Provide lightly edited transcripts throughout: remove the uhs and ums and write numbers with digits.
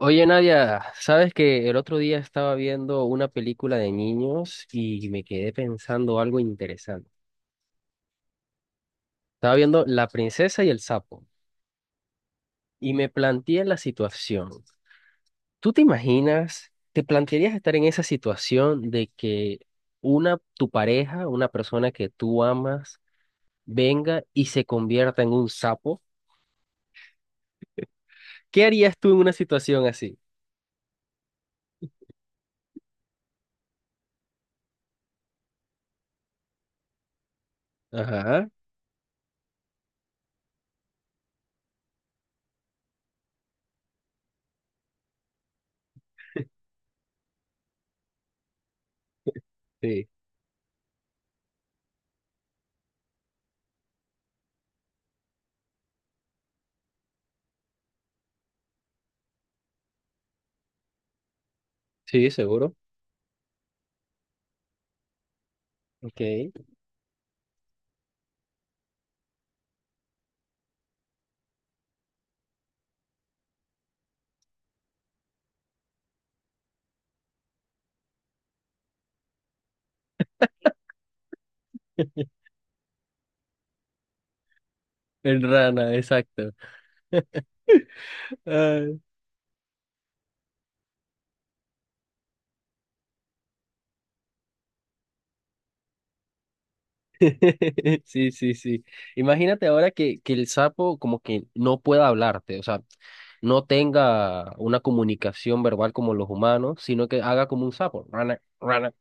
Oye, Nadia, sabes que el otro día estaba viendo una película de niños y me quedé pensando algo interesante. Estaba viendo La princesa y el sapo y me planteé la situación. ¿Tú te imaginas, te plantearías estar en esa situación de que una, tu pareja, una persona que tú amas, venga y se convierta en un sapo? ¿Qué harías tú en una situación así? Ajá, sí, sí, seguro. Ok. En rana, exacto. Sí, sí, sí. Imagínate ahora que el sapo como que no pueda hablarte, o sea, no tenga una comunicación verbal como los humanos, sino que haga como un sapo. Rana, rana.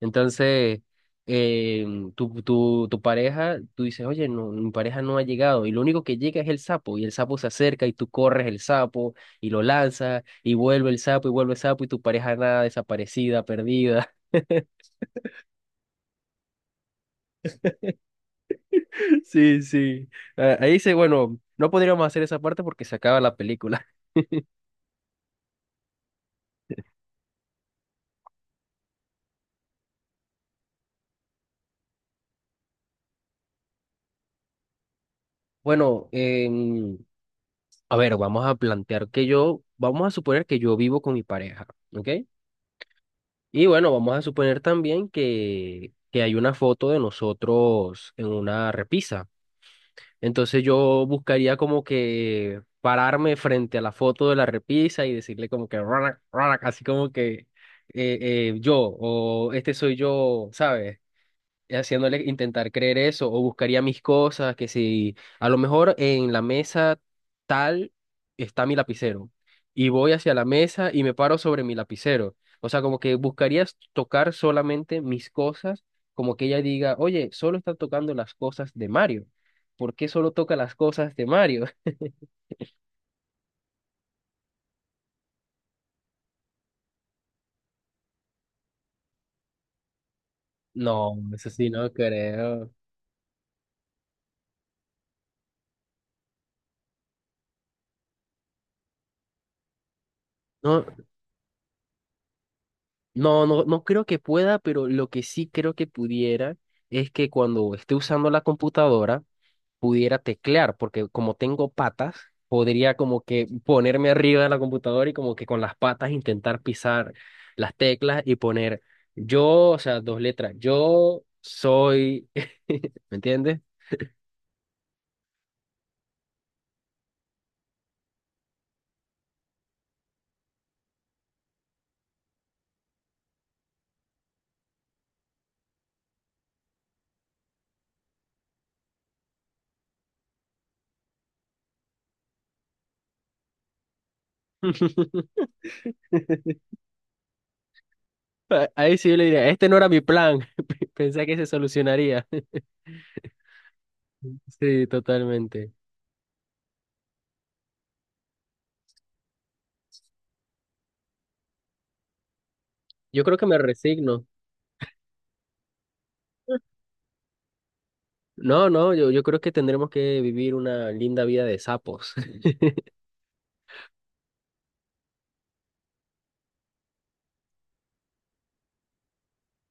Entonces, eh, tu pareja, tú dices, oye, no, mi pareja no ha llegado, y lo único que llega es el sapo, y el sapo se acerca y tú corres el sapo y lo lanzas, y vuelve el sapo y vuelve el sapo, y tu pareja nada, desaparecida, perdida. Sí, sí. Ah, ahí dice, bueno, no podríamos hacer esa parte porque se acaba la película. Bueno, a ver, vamos a plantear que yo, vamos a suponer que yo vivo con mi pareja, ¿ok? Y bueno, vamos a suponer también que hay una foto de nosotros en una repisa. Entonces yo buscaría como que pararme frente a la foto de la repisa y decirle como que, "Ronak, ronak", así como que eh, yo o este soy yo, ¿sabes? Haciéndole intentar creer eso o buscaría mis cosas, que si a lo mejor en la mesa tal está mi lapicero y voy hacia la mesa y me paro sobre mi lapicero. O sea, como que buscarías tocar solamente mis cosas, como que ella diga, oye, solo está tocando las cosas de Mario. ¿Por qué solo toca las cosas de Mario? No, eso sí, no creo. No, no, no, no creo que pueda, pero lo que sí creo que pudiera es que cuando esté usando la computadora, pudiera teclear, porque como tengo patas, podría como que ponerme arriba de la computadora y como que con las patas intentar pisar las teclas y poner yo, o sea, dos letras, yo soy, ¿me entiendes? Ah, ahí sí yo le diría, este no era mi plan, pensé que se solucionaría. Sí, totalmente. Yo creo que me resigno. No, no, yo creo que tendremos que vivir una linda vida de sapos.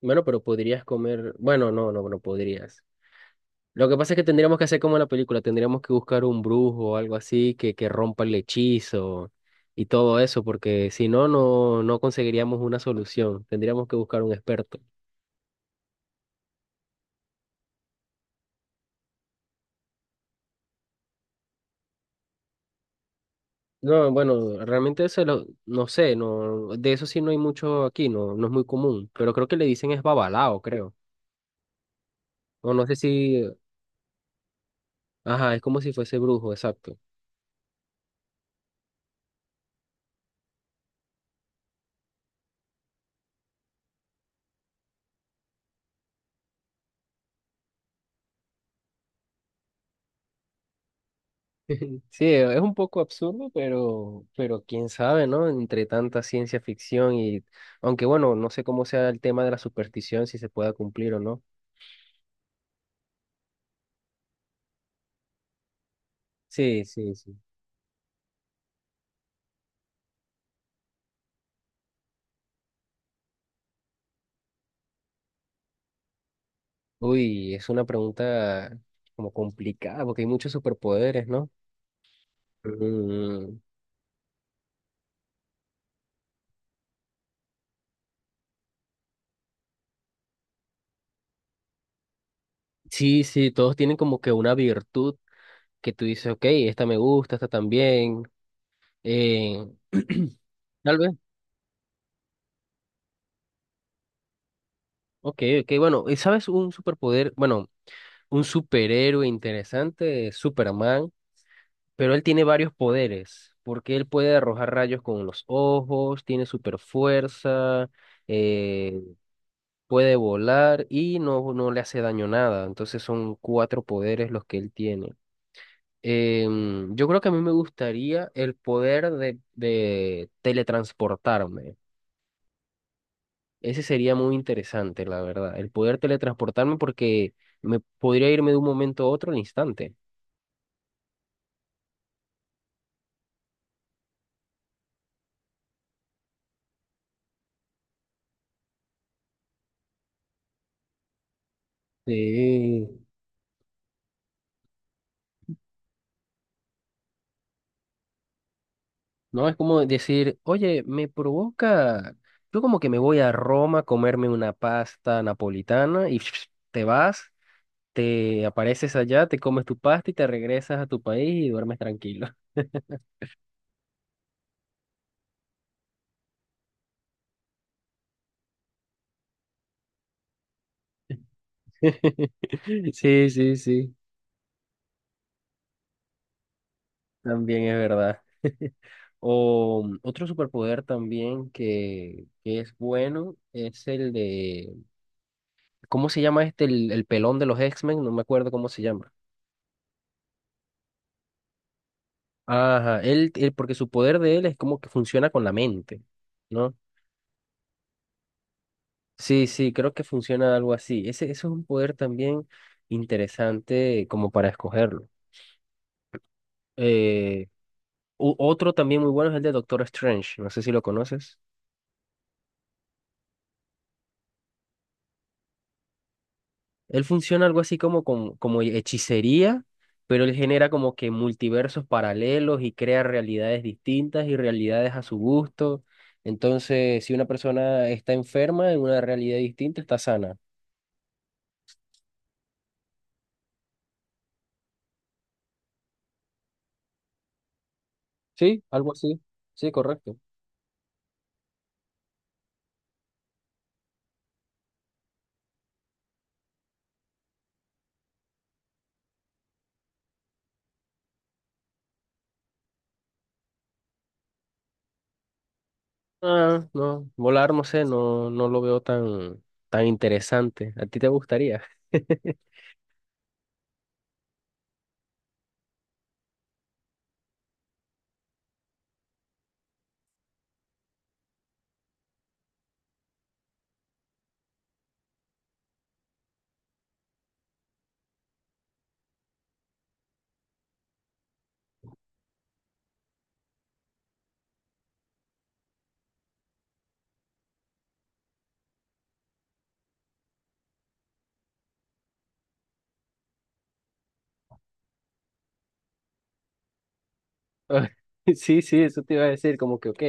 Bueno, pero podrías comer, bueno, no, no, no podrías. Lo que pasa es que tendríamos que hacer como en la película, tendríamos que buscar un brujo o algo así que rompa el hechizo y todo eso, porque si no, no, no conseguiríamos una solución, tendríamos que buscar un experto. No, bueno, realmente eso lo, no sé, no, de eso sí no hay mucho aquí, no, no es muy común, pero creo que le dicen es babalao, creo. O no sé si, ajá, es como si fuese brujo, exacto. Sí, es un poco absurdo, pero quién sabe, ¿no? Entre tanta ciencia ficción y, aunque bueno, no sé cómo sea el tema de la superstición, si se pueda cumplir o no. Sí, sí, sí. Uy, es una pregunta como complicada, porque hay muchos superpoderes, ¿no? Mm, sí, sí, todos tienen como que una virtud que tú dices, ok, esta me gusta, esta también. Eh, tal vez, ok, ok, bueno, ¿y sabes un superpoder? Bueno, un superhéroe interesante, Superman, pero él tiene varios poderes, porque él puede arrojar rayos con los ojos, tiene super fuerza, puede volar y no, no le hace daño nada. Entonces son cuatro poderes los que él tiene. Yo creo que a mí me gustaría el poder de teletransportarme. Ese sería muy interesante, la verdad. El poder teletransportarme porque me podría irme de un momento a otro al instante. Sí. No es como decir, oye, me provoca. Yo como que me voy a Roma a comerme una pasta napolitana y te vas, te apareces allá, te comes tu pasta y te regresas a tu país y duermes tranquilo. Sí, sí, sí, también es verdad. O mm, otro superpoder también que es bueno es el de, ¿cómo se llama este? El pelón de los X-Men, no me acuerdo cómo se llama. Ajá, él- porque su poder de él es como que funciona con la mente, ¿no? Sí, sí, creo que funciona algo así. Ese es un poder también interesante como para escogerlo. Eh, u- otro también muy bueno es el de Doctor Strange, no sé si lo conoces. Él funciona algo así como, con- como hechicería, pero él genera como que multiversos paralelos y crea realidades distintas y realidades a su gusto. Entonces, si una persona está enferma en una realidad distinta, está sana. Sí, algo así. Sí, correcto. Ah, no, volar, no sé, no, no lo veo tan, tan interesante. ¿A ti te gustaría? Ah, sí, sí, eso te iba a decir, como que, ok,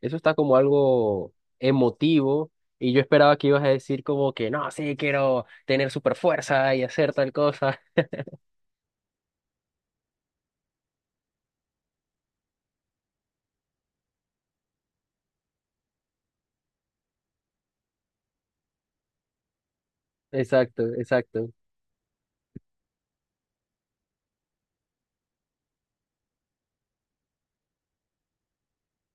eso está como algo emotivo y yo esperaba que ibas a decir como que, no, sí, quiero tener super fuerza y hacer tal cosa. Exacto, exacto.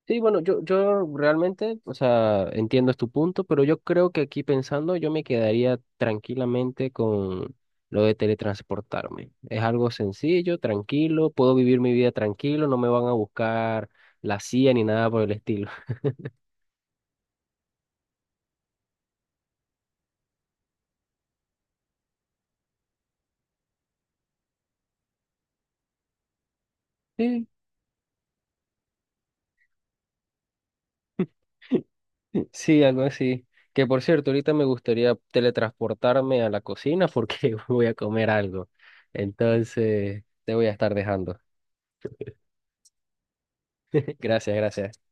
Sí, bueno, yo realmente, o sea, entiendo tu punto, pero yo creo que aquí pensando, yo me quedaría tranquilamente con lo de teletransportarme. Es algo sencillo, tranquilo, puedo vivir mi vida tranquilo, no me van a buscar la CIA ni nada por el estilo. Sí, sí, algo así. Que por cierto, ahorita me gustaría teletransportarme a la cocina porque voy a comer algo. Entonces, te voy a estar dejando. Gracias, gracias.